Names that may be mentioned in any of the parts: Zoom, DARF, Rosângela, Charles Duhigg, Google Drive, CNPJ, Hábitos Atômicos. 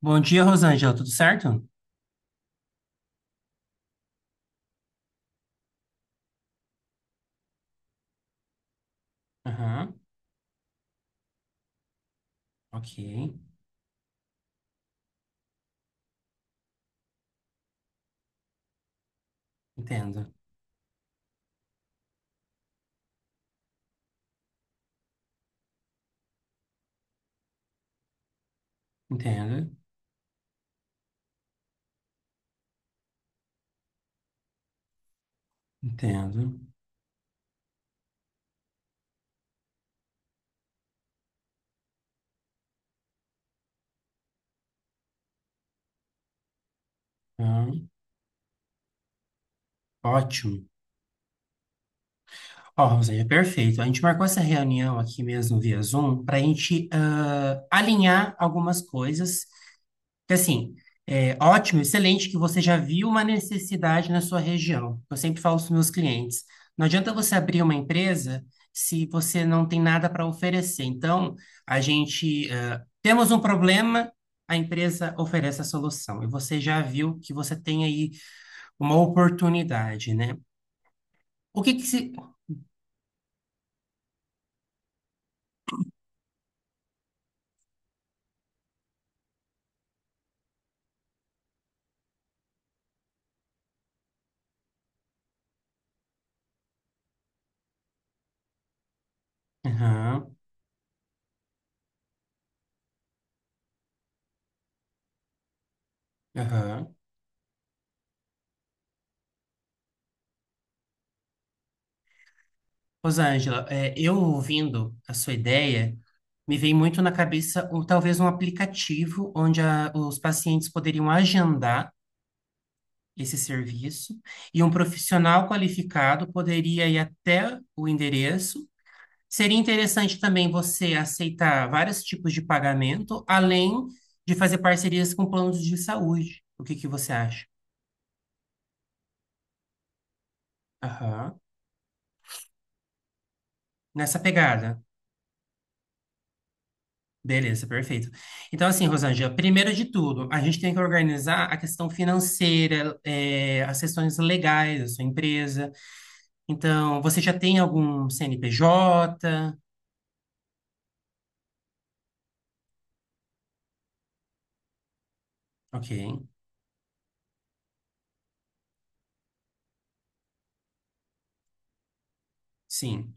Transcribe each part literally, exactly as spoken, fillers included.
Bom dia, Rosângela, tudo certo? Aham, ok. Entendo, entendo, entendo. Aham. Ótimo. Ó, Rosângela, perfeito. A gente marcou essa reunião aqui mesmo via Zoom para a gente ah, alinhar algumas coisas. Porque, Assim, é ótimo, excelente que você já viu uma necessidade na sua região. Eu sempre falo para os meus clientes, não adianta você abrir uma empresa se você não tem nada para oferecer. Então, a gente, eh, temos um problema, a empresa oferece a solução. E você já viu que você tem aí uma oportunidade, né? O que que se... Aham, aham. Rosângela, é, eu ouvindo a sua ideia, me vem muito na cabeça um, talvez um aplicativo onde a- os pacientes poderiam agendar esse serviço e um profissional qualificado poderia ir até o endereço. Seria interessante também você aceitar vários tipos de pagamento, além de fazer parcerias com planos de saúde. O que que você acha? Aham. Nessa pegada. Beleza, perfeito. Então, assim, Rosângela, primeiro de tudo, a gente tem que organizar a questão financeira, eh, as questões legais da sua empresa. Então, você já tem algum C N P J? Ok, sim.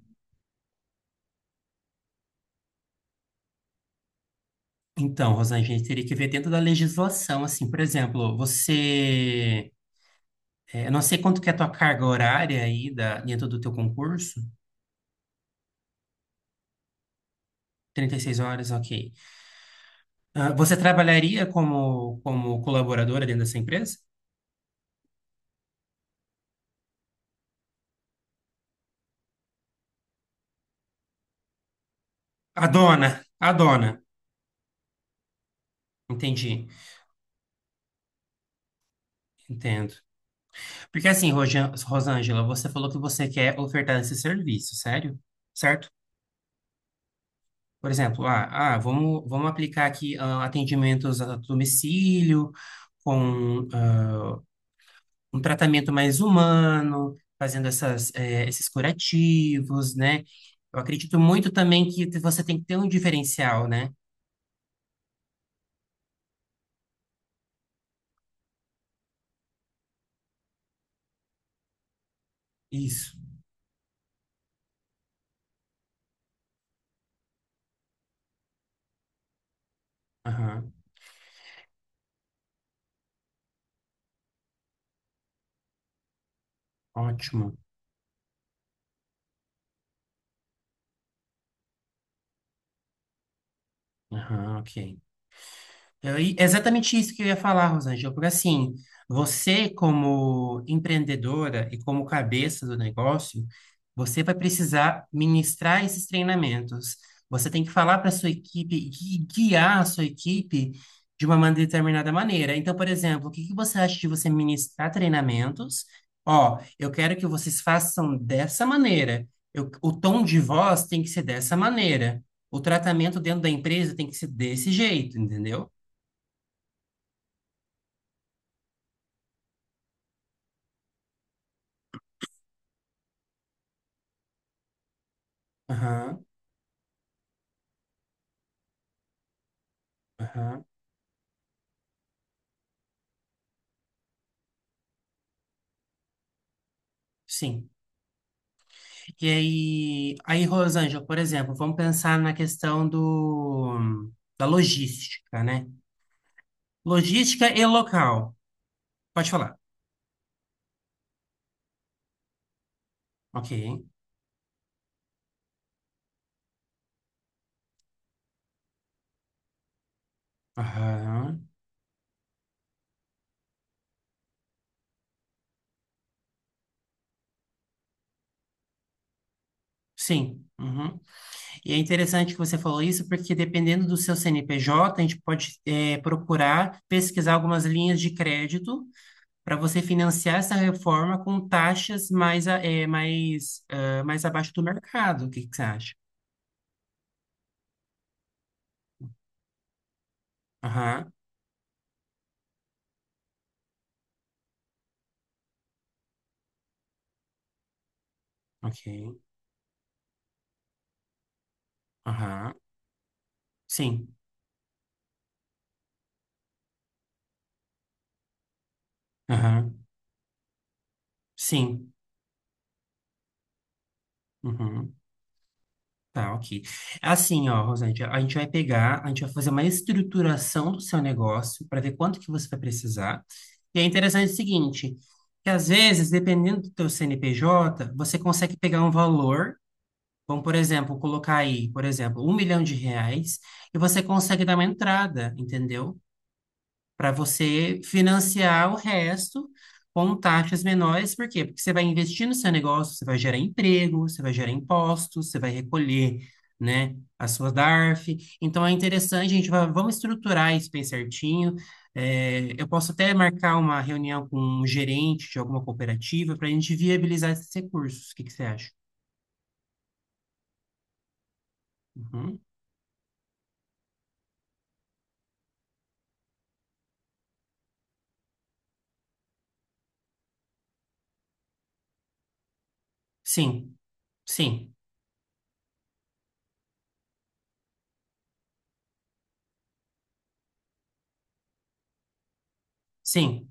Então, Rosângela, a gente teria que ver dentro da legislação, assim, por exemplo, você, eh, eu não sei quanto que é a tua carga horária aí da, dentro do teu concurso, trinta e seis horas, ok. Ah, você trabalharia como, como, colaboradora dentro dessa empresa? A dona, a dona. Entendi, entendo. Porque assim, Rojan- Rosângela, você falou que você quer ofertar esse serviço, sério? Certo? Por exemplo, ah, ah, vamos, vamos aplicar aqui ah, atendimentos a domicílio, com ah, um tratamento mais humano, fazendo essas, eh, esses curativos, né? Eu acredito muito também que você tem que ter um diferencial, né? Isso. Aham, ótimo. Aham, ok. Eu- e é exatamente isso que eu ia falar, Rosângela, porque assim, você como empreendedora e como cabeça do negócio, você vai precisar ministrar esses treinamentos. Você tem que falar para sua equipe e guiar a sua equipe de uma man- determinada maneira. Então, por exemplo, o que que você acha de você ministrar treinamentos? Ó, eu quero que vocês façam dessa maneira. Eu- o tom de voz tem que ser dessa maneira. O tratamento dentro da empresa tem que ser desse jeito, entendeu? Aham, aham, sim. E aí, aí, Rosângela, por exemplo, vamos pensar na questão do, da logística, né? Logística e local. Pode falar. Ok. Aham, sim. Uhum. E é interessante que você falou isso, porque dependendo do seu C N P J, a gente pode eh, procurar pesquisar algumas linhas de crédito para você financiar essa reforma com taxas mais, a- eh, mais, ah, mais abaixo do mercado. O que que você acha? Aham, ok. Aham, sim. Aham, sim. Uhum. Tá, ok. É, Assim, ó, Rosane, a gente vai pegar, a gente vai fazer uma estruturação do seu negócio para ver quanto que você vai precisar. E é interessante o seguinte, que às vezes, dependendo do teu C N P J, você consegue pegar um valor, vamos, por exemplo, colocar aí, por exemplo, um milhão de reais, e você consegue dar uma entrada, entendeu? Para você financiar o resto com taxas menores. Por quê? Porque você vai investir no seu negócio, você vai gerar emprego, você vai gerar impostos, você vai recolher, né, a sua DARF. Então é interessante, a gente vai, vamos estruturar isso bem certinho. É, eu posso até marcar uma reunião com um gerente de alguma cooperativa para a gente viabilizar esses recursos. O que que você acha? Uhum. Sim, sim, sim.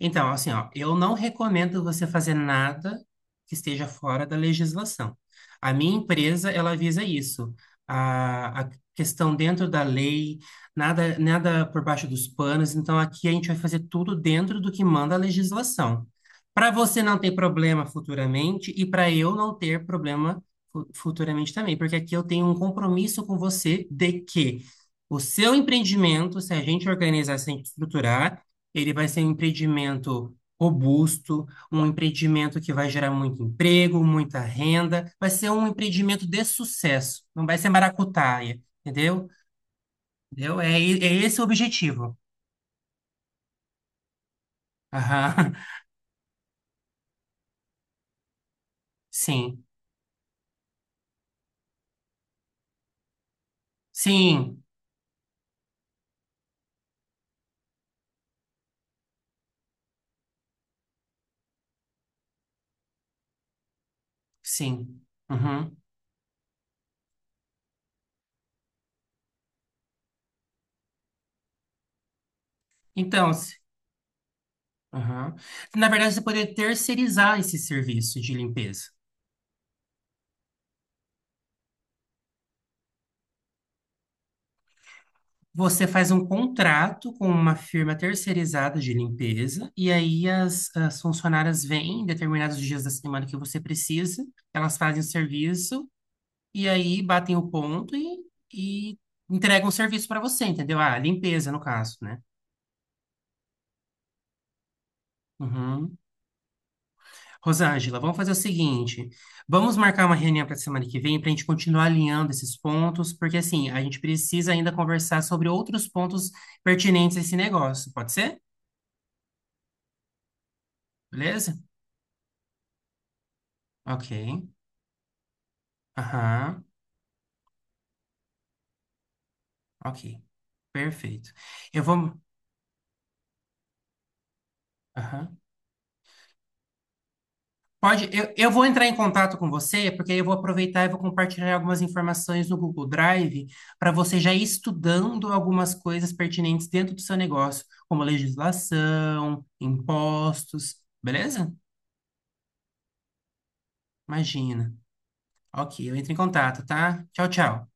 Então, assim, ó, eu não recomendo você fazer nada que esteja fora da legislação. A minha empresa, ela visa isso. A, a questão dentro da lei, nada, nada por baixo dos panos. Então, aqui a gente vai fazer tudo dentro do que manda a legislação. Para você não ter problema futuramente e para eu não ter problema fu- futuramente também, porque aqui eu tenho um compromisso com você de que o seu empreendimento, se a gente organizar, se a gente estruturar, ele vai ser um empreendimento robusto, um empreendimento que vai gerar muito emprego, muita renda, vai ser um empreendimento de sucesso, não vai ser maracutaia, entendeu? Entendeu? É, e- é esse o objetivo. Aham. Sim, sim, sim. Uhum. Então, se- aham. Na verdade, você poderia terceirizar esse serviço de limpeza. Você faz um contrato com uma firma terceirizada de limpeza, e aí as, as funcionárias vêm em determinados dias da semana que você precisa, elas fazem o serviço, e aí batem o ponto e, e entregam o serviço para você, entendeu? Ah, limpeza, no caso, né? Uhum. Rosângela, vamos fazer o seguinte: vamos marcar uma reunião para semana que vem para a gente continuar alinhando esses pontos, porque assim, a gente precisa ainda conversar sobre outros pontos pertinentes a esse negócio, pode ser? Beleza? Ok. Aham, ok. Perfeito. Eu vou. Aham. Pode, eu, eu vou entrar em contato com você, porque aí eu vou aproveitar e vou compartilhar algumas informações no Google Drive para você já ir estudando algumas coisas pertinentes dentro do seu negócio, como legislação, impostos, beleza? Imagina. Ok, eu entro em contato, tá? Tchau, tchau.